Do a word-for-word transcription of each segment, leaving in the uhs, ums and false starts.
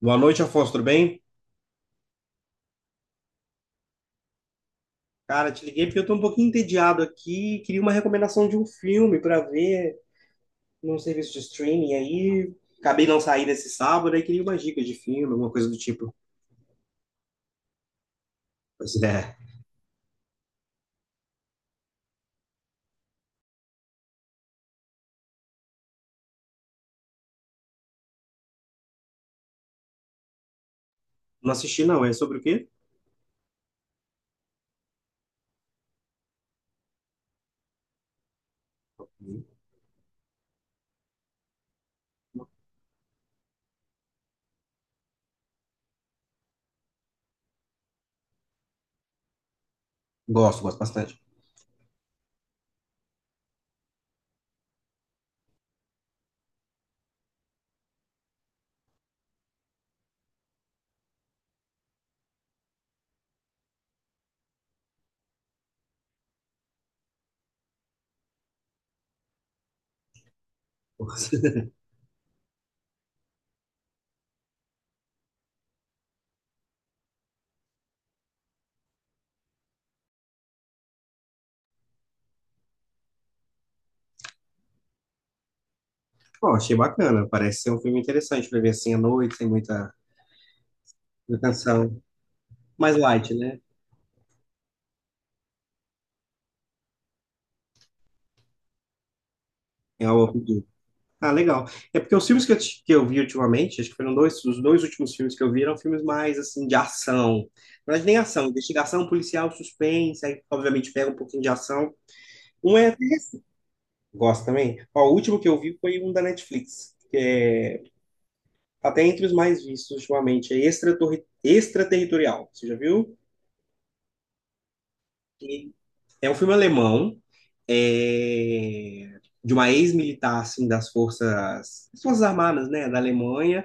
Boa noite, Afonso, tudo bem? Cara, te liguei porque eu tô um pouquinho entediado aqui, queria uma recomendação de um filme para ver num serviço de streaming aí. Acabei não saindo esse sábado, aí queria uma dica de filme, alguma coisa do tipo. Pois é, não assisti não, é sobre o quê? Gosto, gosto bastante. Bom, achei bacana, parece ser um filme interessante para ver assim à noite, sem muita muita canção. Mais light, né? É algo Ah, legal. É porque os filmes que eu, ti- que eu vi ultimamente, acho que foram dois, os dois últimos filmes que eu vi eram filmes mais, assim, de ação. Na verdade, nem ação, investigação policial, suspense, aí, obviamente, pega um pouquinho de ação. Um é... até... Gosto também. Ó, o último que eu vi foi um da Netflix, que é... tá até entre os mais vistos ultimamente, é Extratorri- Extraterritorial. Você já viu? E é um filme alemão, é, de uma ex-militar, assim, das forças... das forças armadas, né, da Alemanha,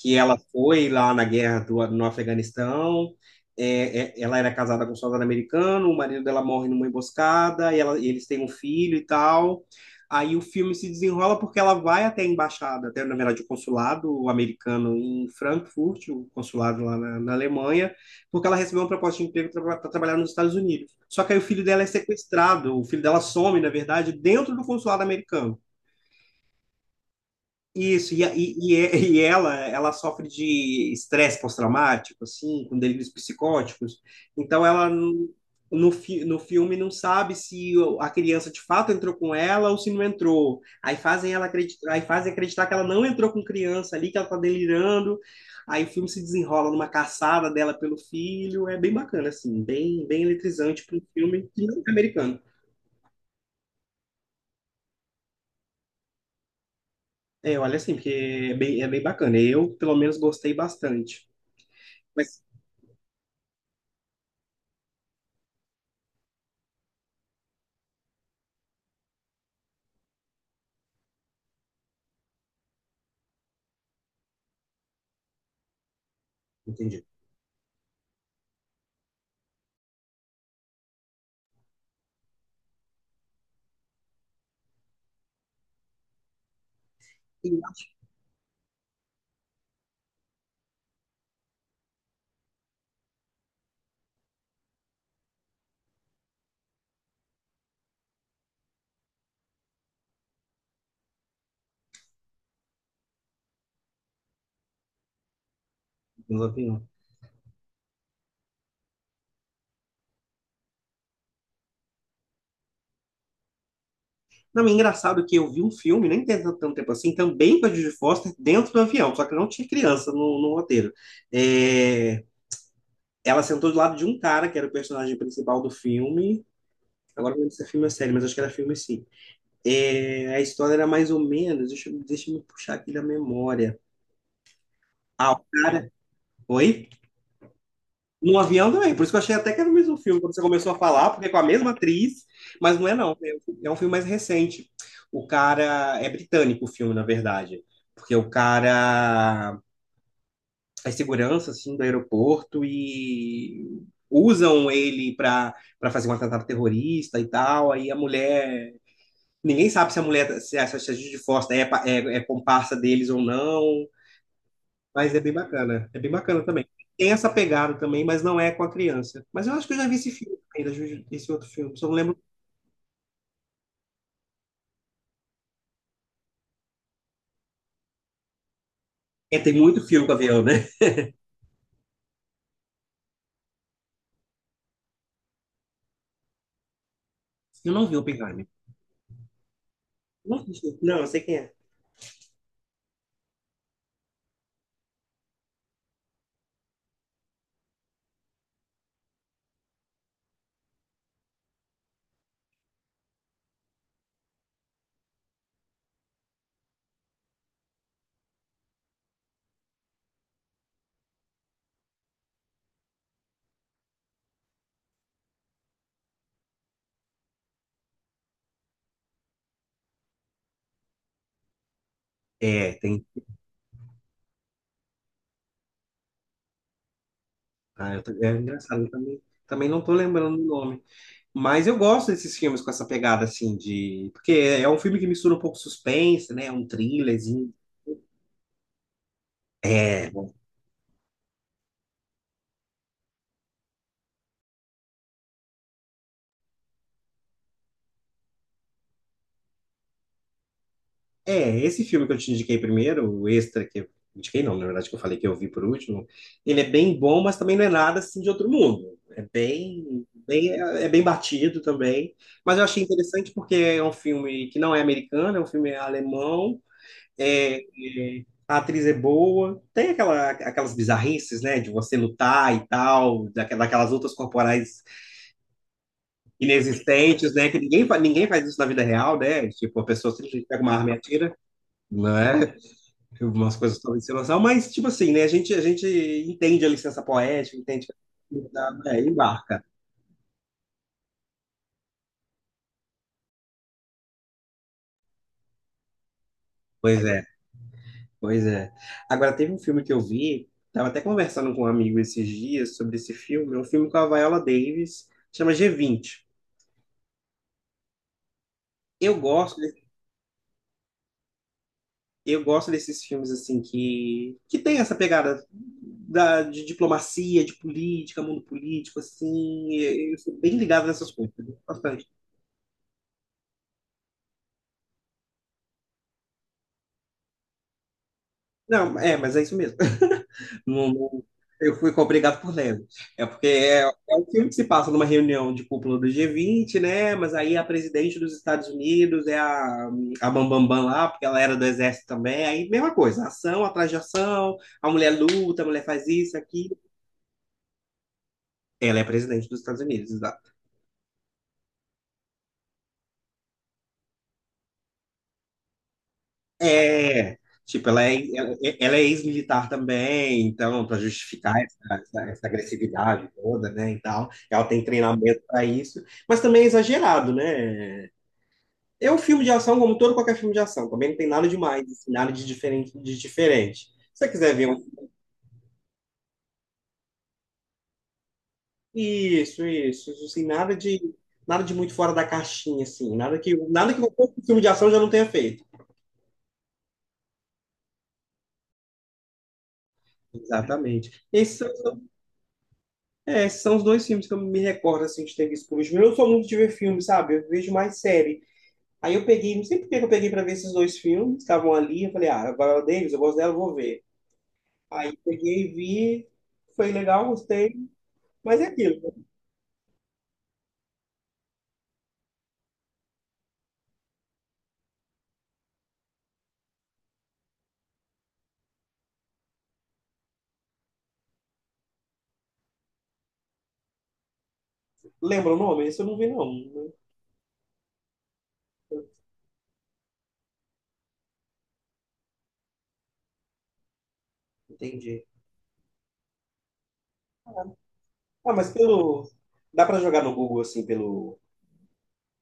que ela foi lá na guerra do, no Afeganistão. É, é, ela era casada com um soldado americano, o marido dela morre numa emboscada, e ela- e eles têm um filho e tal. Aí o filme se desenrola porque ela vai até a embaixada, até na verdade o consulado americano em Frankfurt, o consulado lá na, na Alemanha, porque ela recebeu uma proposta de emprego para trabalhar nos Estados Unidos. Só que aí o filho dela é sequestrado, o filho dela some, na verdade, dentro do consulado americano. Isso, e, a- e, e é- e ela, ela sofre de estresse pós-traumático, assim, com delírios psicóticos. Então, ela, n- no, fi, no filme, não sabe se o- a criança de fato entrou com ela ou se não entrou. Aí fazem ela acreditar, aí fazem acreditar que ela não entrou com criança ali, que ela tá delirando. Aí o filme se desenrola numa caçada dela pelo filho. É bem bacana, assim, bem, bem eletrizante para um filme que não é americano. É, olha assim, porque é bem, é bem bacana. Eu, pelo menos, gostei bastante. Mas, Entendi. Aviões, avião. Não, é engraçado que eu vi um filme, nem tem tanto tanto tempo assim, também com a Judy Foster dentro do avião, só que não tinha criança no, no roteiro. É, ela sentou do lado de um cara, que era o personagem principal do filme. Agora não lembro se é filme ou série, mas acho que era filme sim. É, a história era mais ou menos, deixa, eu- deixa eu me puxar aqui da memória. Ah, o cara. Oi? No avião também, por isso que eu achei até que era o mesmo filme quando você começou a falar, porque é com a mesma atriz, mas não é não, é um filme mais recente. O cara é britânico o filme, na verdade, porque o cara é segurança assim do aeroporto e usam ele para para fazer um atentado terrorista e tal, aí a mulher, ninguém sabe se a mulher se a, se a Judy Foster é, pa- é, é comparsa deles ou não. Mas é bem bacana. É bem bacana também. Tem essa pegada também, mas não é com a criança. Mas eu acho que eu já vi esse filme também, já vi esse outro filme. Só não lembro. É, tem muito filme com avião, né? Eu não vi o Oppenheimer. Não, vi. Não, eu sei quem é. É, tem. Ah, eu tô- é engraçado, eu também, também não tô lembrando do nome. Mas eu gosto desses filmes com essa pegada, assim, de... Porque é um filme que mistura um pouco suspense, né? Um thrillerzinho. É, É, esse filme que eu te indiquei primeiro, o Extra, que eu indiquei não, na verdade que eu falei que eu vi por último, ele é bem bom, mas também não é nada assim de outro mundo. É bem, bem, é bem batido também. Mas eu achei interessante porque é um filme que não é americano, é um filme alemão, é, é- a atriz é boa, tem aquela, aquelas bizarrices, né, de você lutar e tal, daque- daquelas lutas corporais inexistentes, né, que ninguém, fa- ninguém faz isso na vida real, né? Tipo, a pessoa simplesmente pega uma arma e atira, não é? Algumas coisas talvez sem noção, mas tipo assim, né? A gente, a gente entende a licença poética, entende, é, embarca. Pois é, pois é. Agora teve um filme que eu vi, tava até conversando com um amigo esses dias sobre esse filme, é um filme com a Viola Davis, chama G vinte. Eu gosto, de- eu gosto desses filmes assim que que tem essa pegada da, de diplomacia, de política, mundo político assim, eu, eu sou bem ligado nessas coisas, bastante. Não, é, mas é isso mesmo. Não- não- eu fui obrigado por Leme. É porque é, é um filme que se passa numa reunião de cúpula do G vinte, né? Mas aí a presidente dos Estados Unidos é a, a Bambambam Bam Bam lá, porque ela era do exército também. Aí, mesma coisa, ação atrás de ação, a mulher luta, a mulher faz isso, aquilo. Ela é presidente dos Estados Unidos, exato. É, tipo, ela é, ela é ela é ex-militar também, então, para justificar essa, essa- essa agressividade toda, né, e tal. Ela tem treinamento para isso, mas também é exagerado, né? É um filme de ação como todo qualquer filme de ação. Também não tem nada demais, assim, nada de diferente, de diferente. Se você quiser ver um... Isso, isso, isso, assim, nada de nada de muito fora da caixinha, assim, nada que nada que um filme de ação já não tenha feito. Exatamente. Esses, são- é, esses são os dois filmes que eu me recordo, assim, de ter visto por último. Eu não sou muito de ver filme, sabe? Eu vejo mais série. Aí eu peguei, não sei por que que eu peguei para ver esses dois filmes, estavam ali, eu falei, ah, a Viola Davis, eu gosto dela, eu vou ver. Aí peguei, vi, foi legal, gostei, mas é aquilo. Lembra o nome? Esse eu não vi, não. Entendi. Ah, mas pelo. Dá pra jogar no Google, assim, pelo...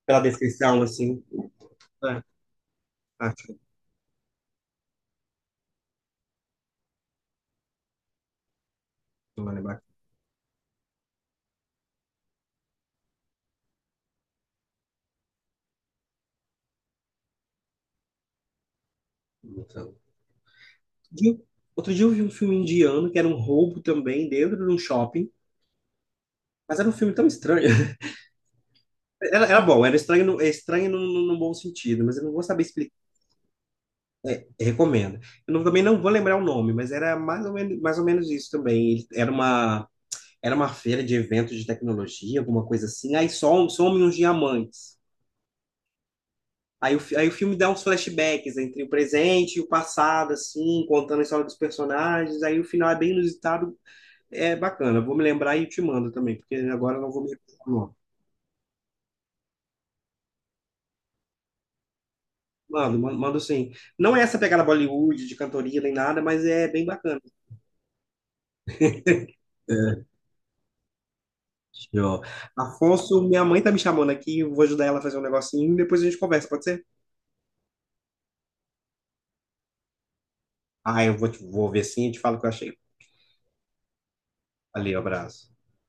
pela descrição, assim. É, acho que vai lembrar. Então, De- Outro dia eu vi um filme indiano que era um roubo também dentro de um shopping. Mas era um filme tão estranho. Era, era bom, era estranho, no, é estranho no, no, no bom sentido, mas eu não vou saber explicar. Eu recomendo. Eu não- Também não vou lembrar o nome, mas era mais ou menos, mais ou menos isso também. Ele- Era uma, era uma feira de eventos de tecnologia, alguma coisa assim. Aí som, somem uns diamantes. Aí o, fi- aí o filme dá uns flashbacks entre o presente e o passado, assim, contando a história dos personagens. Aí o final é bem inusitado, é bacana. Vou me lembrar e te mando também, porque agora eu não vou me recordar o nome. Mando, mando, mando sim. Não é essa pegada Bollywood, de cantoria nem nada, mas é bem bacana. Ó, Afonso, minha mãe tá me chamando aqui, eu vou ajudar ela a fazer um negocinho e depois a gente conversa, pode ser? Ah, eu vou, te- vou ver sim e te falo o que eu achei. Valeu, abraço.